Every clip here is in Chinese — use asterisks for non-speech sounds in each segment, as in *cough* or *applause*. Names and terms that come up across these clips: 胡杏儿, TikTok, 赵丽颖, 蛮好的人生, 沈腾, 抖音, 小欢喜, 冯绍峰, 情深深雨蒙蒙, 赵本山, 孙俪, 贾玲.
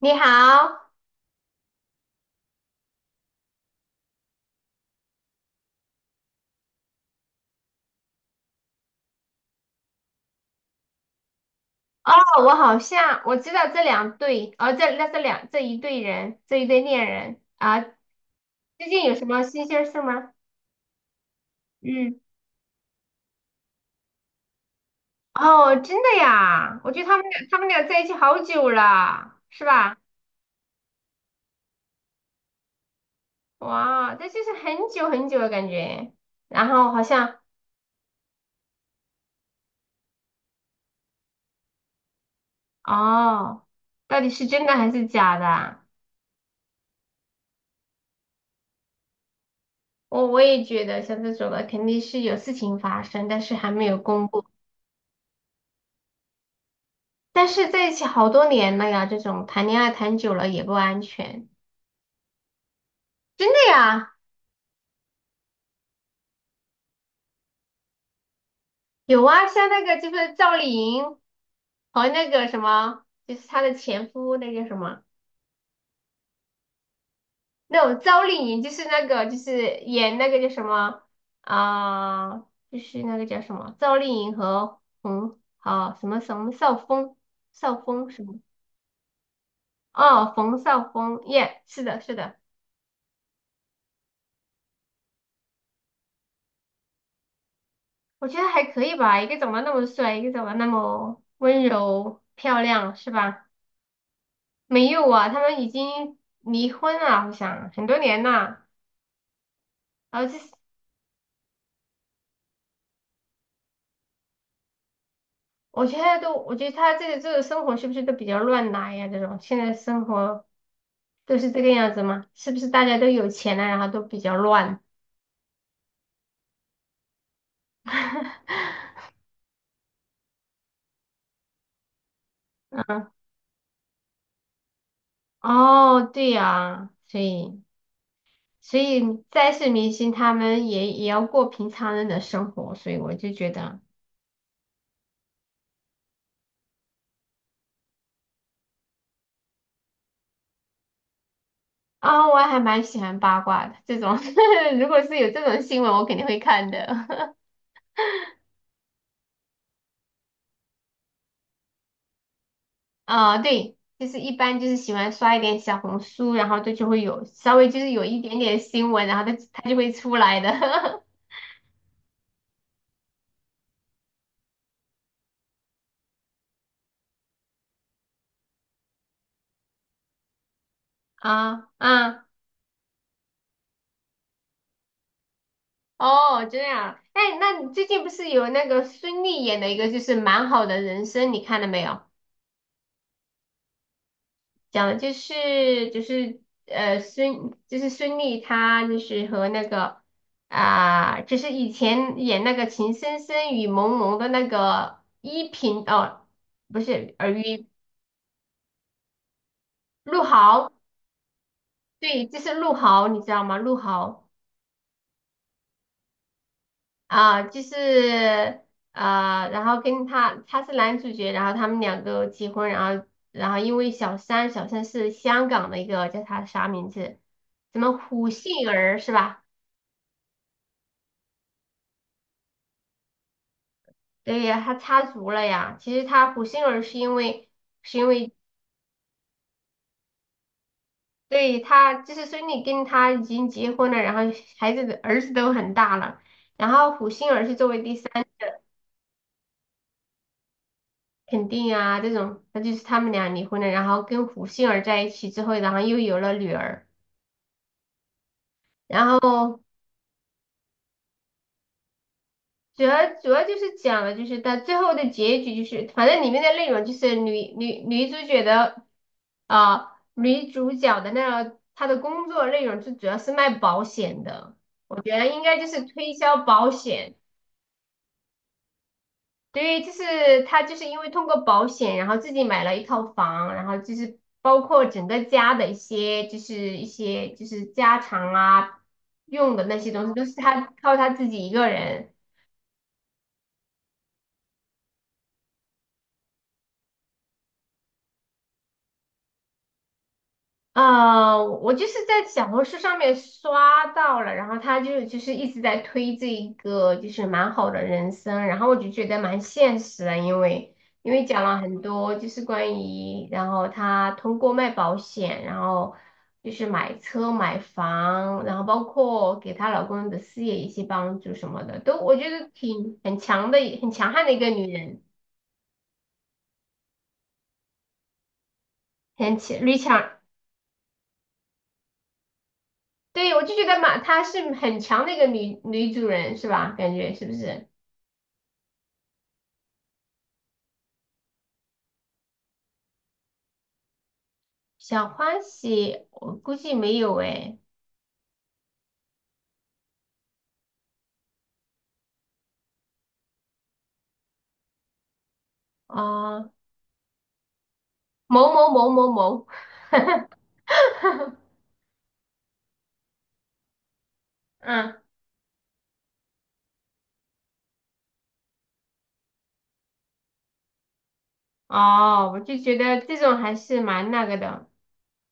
你好，哦，我好像知道这两对，哦，这一对人，这一对恋人啊，最近有什么新鲜事吗？嗯，哦，真的呀，我觉得他们俩在一起好久了，是吧？哇，这就是很久很久的感觉。然后好像，哦，到底是真的还是假的啊？我也觉得像这种的肯定是有事情发生，但是还没有公布。但是在一起好多年了呀，这种谈恋爱谈久了也不安全，真的呀，有啊，像那个就是赵丽颖和那个什么，就是她的前夫那个什么，那种赵丽颖就是那个就是演那个叫什么啊、就是那个叫什么赵丽颖和冯啊、什么什么少峰，绍峰什么哦，冯绍峰，耶、是的，是的。我觉得还可以吧，一个长得那么帅，一个长得那么温柔漂亮，是吧？没有啊，他们已经离婚了，好像很多年了。然后这，我觉得都，我觉得他这个生活是不是都比较乱来呀？这种现在生活都是这个样子吗？是不是大家都有钱了，然后都比较乱？*laughs* 嗯，哦，对呀，所以所以再是明星，他们也也要过平常人的生活，所以我就觉得。啊，我还蛮喜欢八卦的这种，*laughs* 如果是有这种新闻，我肯定会看的。*laughs* 啊，对，就是一般就是喜欢刷一点小红书，然后这就会有稍微就是有一点点新闻，然后它就会出来的。*laughs* 啊啊，哦，这样。哎，那你最近不是有那个孙俪演的一个就是蛮好的人生，你看了没有？讲的就是就是孙俪她就是和那个啊、就是以前演那个《情深深雨蒙蒙》的那个依萍哦，不是尔虞陆豪，对，就是陆豪，你知道吗？陆豪啊、就是啊然后跟他是男主角，然后他们两个结婚，然后然后因为小三，小三是香港的一个叫他啥名字？什么胡杏儿是吧？对呀，他插足了呀。其实他胡杏儿是因为，是因为对他就是孙俪跟他已经结婚了，然后孩子的儿子都很大了，然后胡杏儿是作为第三肯定啊这种，那就是他们俩离婚了，然后跟胡杏儿在一起之后，然后又有了女儿，然后主要就是讲了，就是到最后的结局，就是反正里面的内容就是女主角的啊、女主角的那个她的工作内容就主要是卖保险的，我觉得应该就是推销保险。对，就是她就是因为通过保险，然后自己买了一套房，然后就是包括整个家的一些就是一些就是家常啊用的那些东西，都是她靠她自己一个人。呃，我就是在小红书上面刷到了，然后他就是一直在推这一个就是蛮好的人生，然后我就觉得蛮现实的，因为讲了很多就是关于，然后他通过卖保险，然后就是买车买房，然后包括给她老公的事业一些帮助什么的，都我觉得挺很强的，很强悍的一个女人，很强，女强对，我就觉得嘛，她是很强的一个女主人，是吧？感觉是不是？小欢喜，我估计没有诶。哦，某某某某某，嗯，哦，我就觉得这种还是蛮那个的，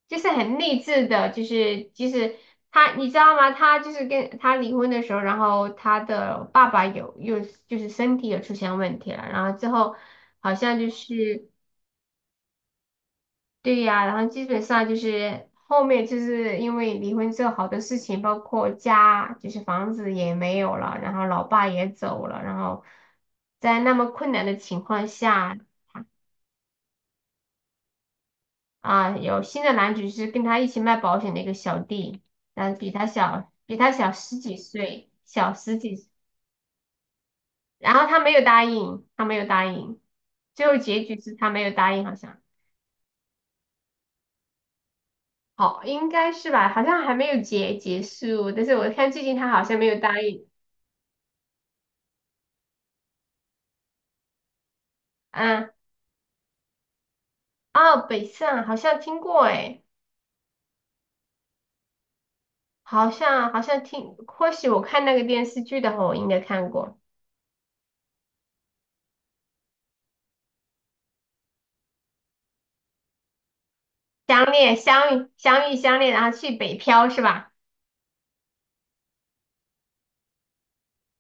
就是很励志的，就是就是她，你知道吗？她就是跟她离婚的时候，然后她的爸爸有又就是身体有出现问题了，然后之后好像就是。对呀，然后基本上就是后面就是因为离婚之后，好多事情，包括家，就是房子也没有了，然后老爸也走了，然后在那么困难的情况下啊，有新的男主是跟他一起卖保险的一个小弟，但比他小，比他小十几岁，小十几，然后他没有答应，他没有答应，最后结局是他没有答应，好像。好，应该是吧，好像还没有结束，但是我看最近他好像没有答应。嗯，哦，北上好像听过哎，好像听，或许我看那个电视剧的话，我应该看过相恋相遇相恋，然后去北漂是吧？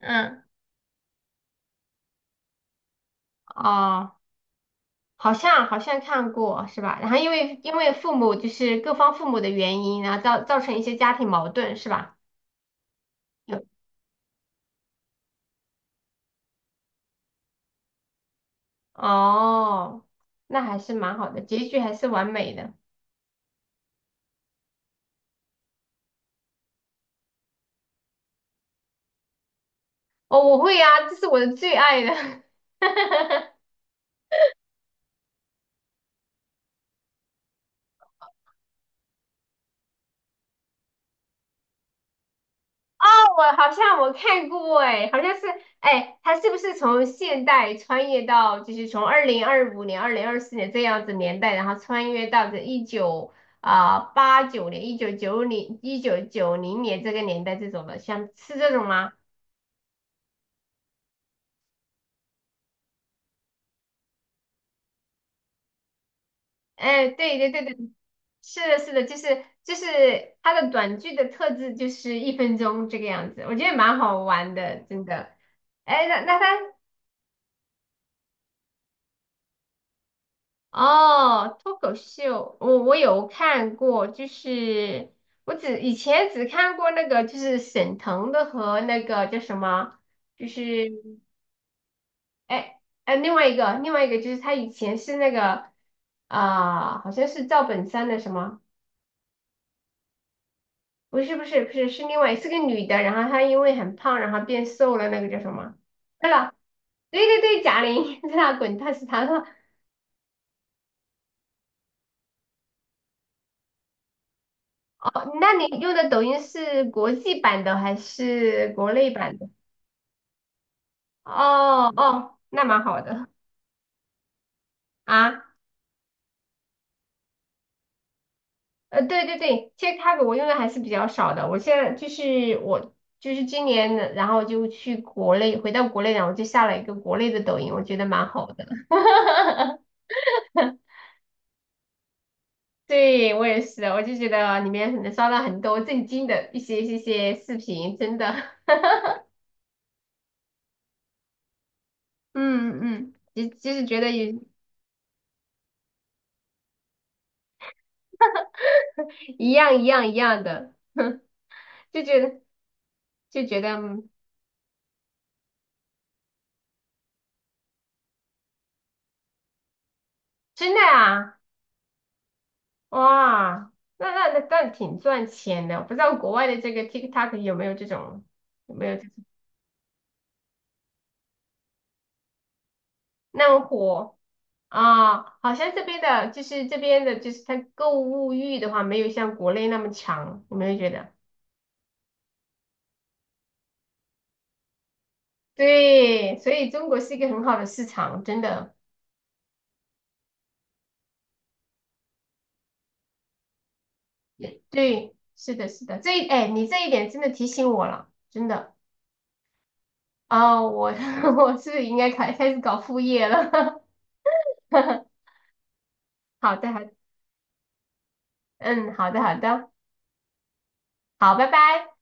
嗯，哦，好像好像看过是吧？然后因为父母就是各方父母的原因，然后造成一些家庭矛盾是吧？有哦，那还是蛮好的，结局还是完美的。哦，我会啊，这是我的最爱的。*laughs* 我好像我看过哎，好像是哎，他是不是从现代穿越到就是从2025年、2024年这样子年代，然后穿越到这一九八九年、一九九零年这个年代这种的，像是这种吗？哎，对对对对，是的，是的，就是就是他的短剧的特质就是1分钟这个样子，我觉得蛮好玩的，真的。哎，那那他哦，脱口秀，我有看过，就是我只以前只看过那个，就是沈腾的和那个叫什么，就是哎哎，另外一个就是他以前是那个啊、好像是赵本山的什么，不是不是不是是另外是个女的，然后她因为很胖，然后变瘦了，那个叫什么？对了，对对对，贾玲，*laughs* 在那滚蛋是她，哦，那你用的抖音是国际版的还是国内版的？哦哦，那蛮好的啊。呃，对对对，其实它我用的还是比较少的。我现在就是我就是今年的然后就去国内，回到国内，然后就下了一个国内的抖音，我觉得蛮好的。*laughs* 对，我也是，我就觉得里面能刷到很多震惊的一些视频，真的，*laughs* 嗯嗯，其实觉得也一样一样一样的，*laughs* 就觉得。嗯真的啊，哇，那挺赚钱的。我不知道国外的这个 TikTok 有没有这种，有没有这种那么火啊？好像这边的，就是这边的，就是它购物欲的话，没有像国内那么强，有没有觉得？对，所以中国是一个很好的市场，真的。对，是的，是的，哎，你这一点真的提醒我了，真的。哦，我 *laughs* 我是不是应该开始搞副业了。*laughs* 好的，好的。嗯，好的，好的，好，拜拜。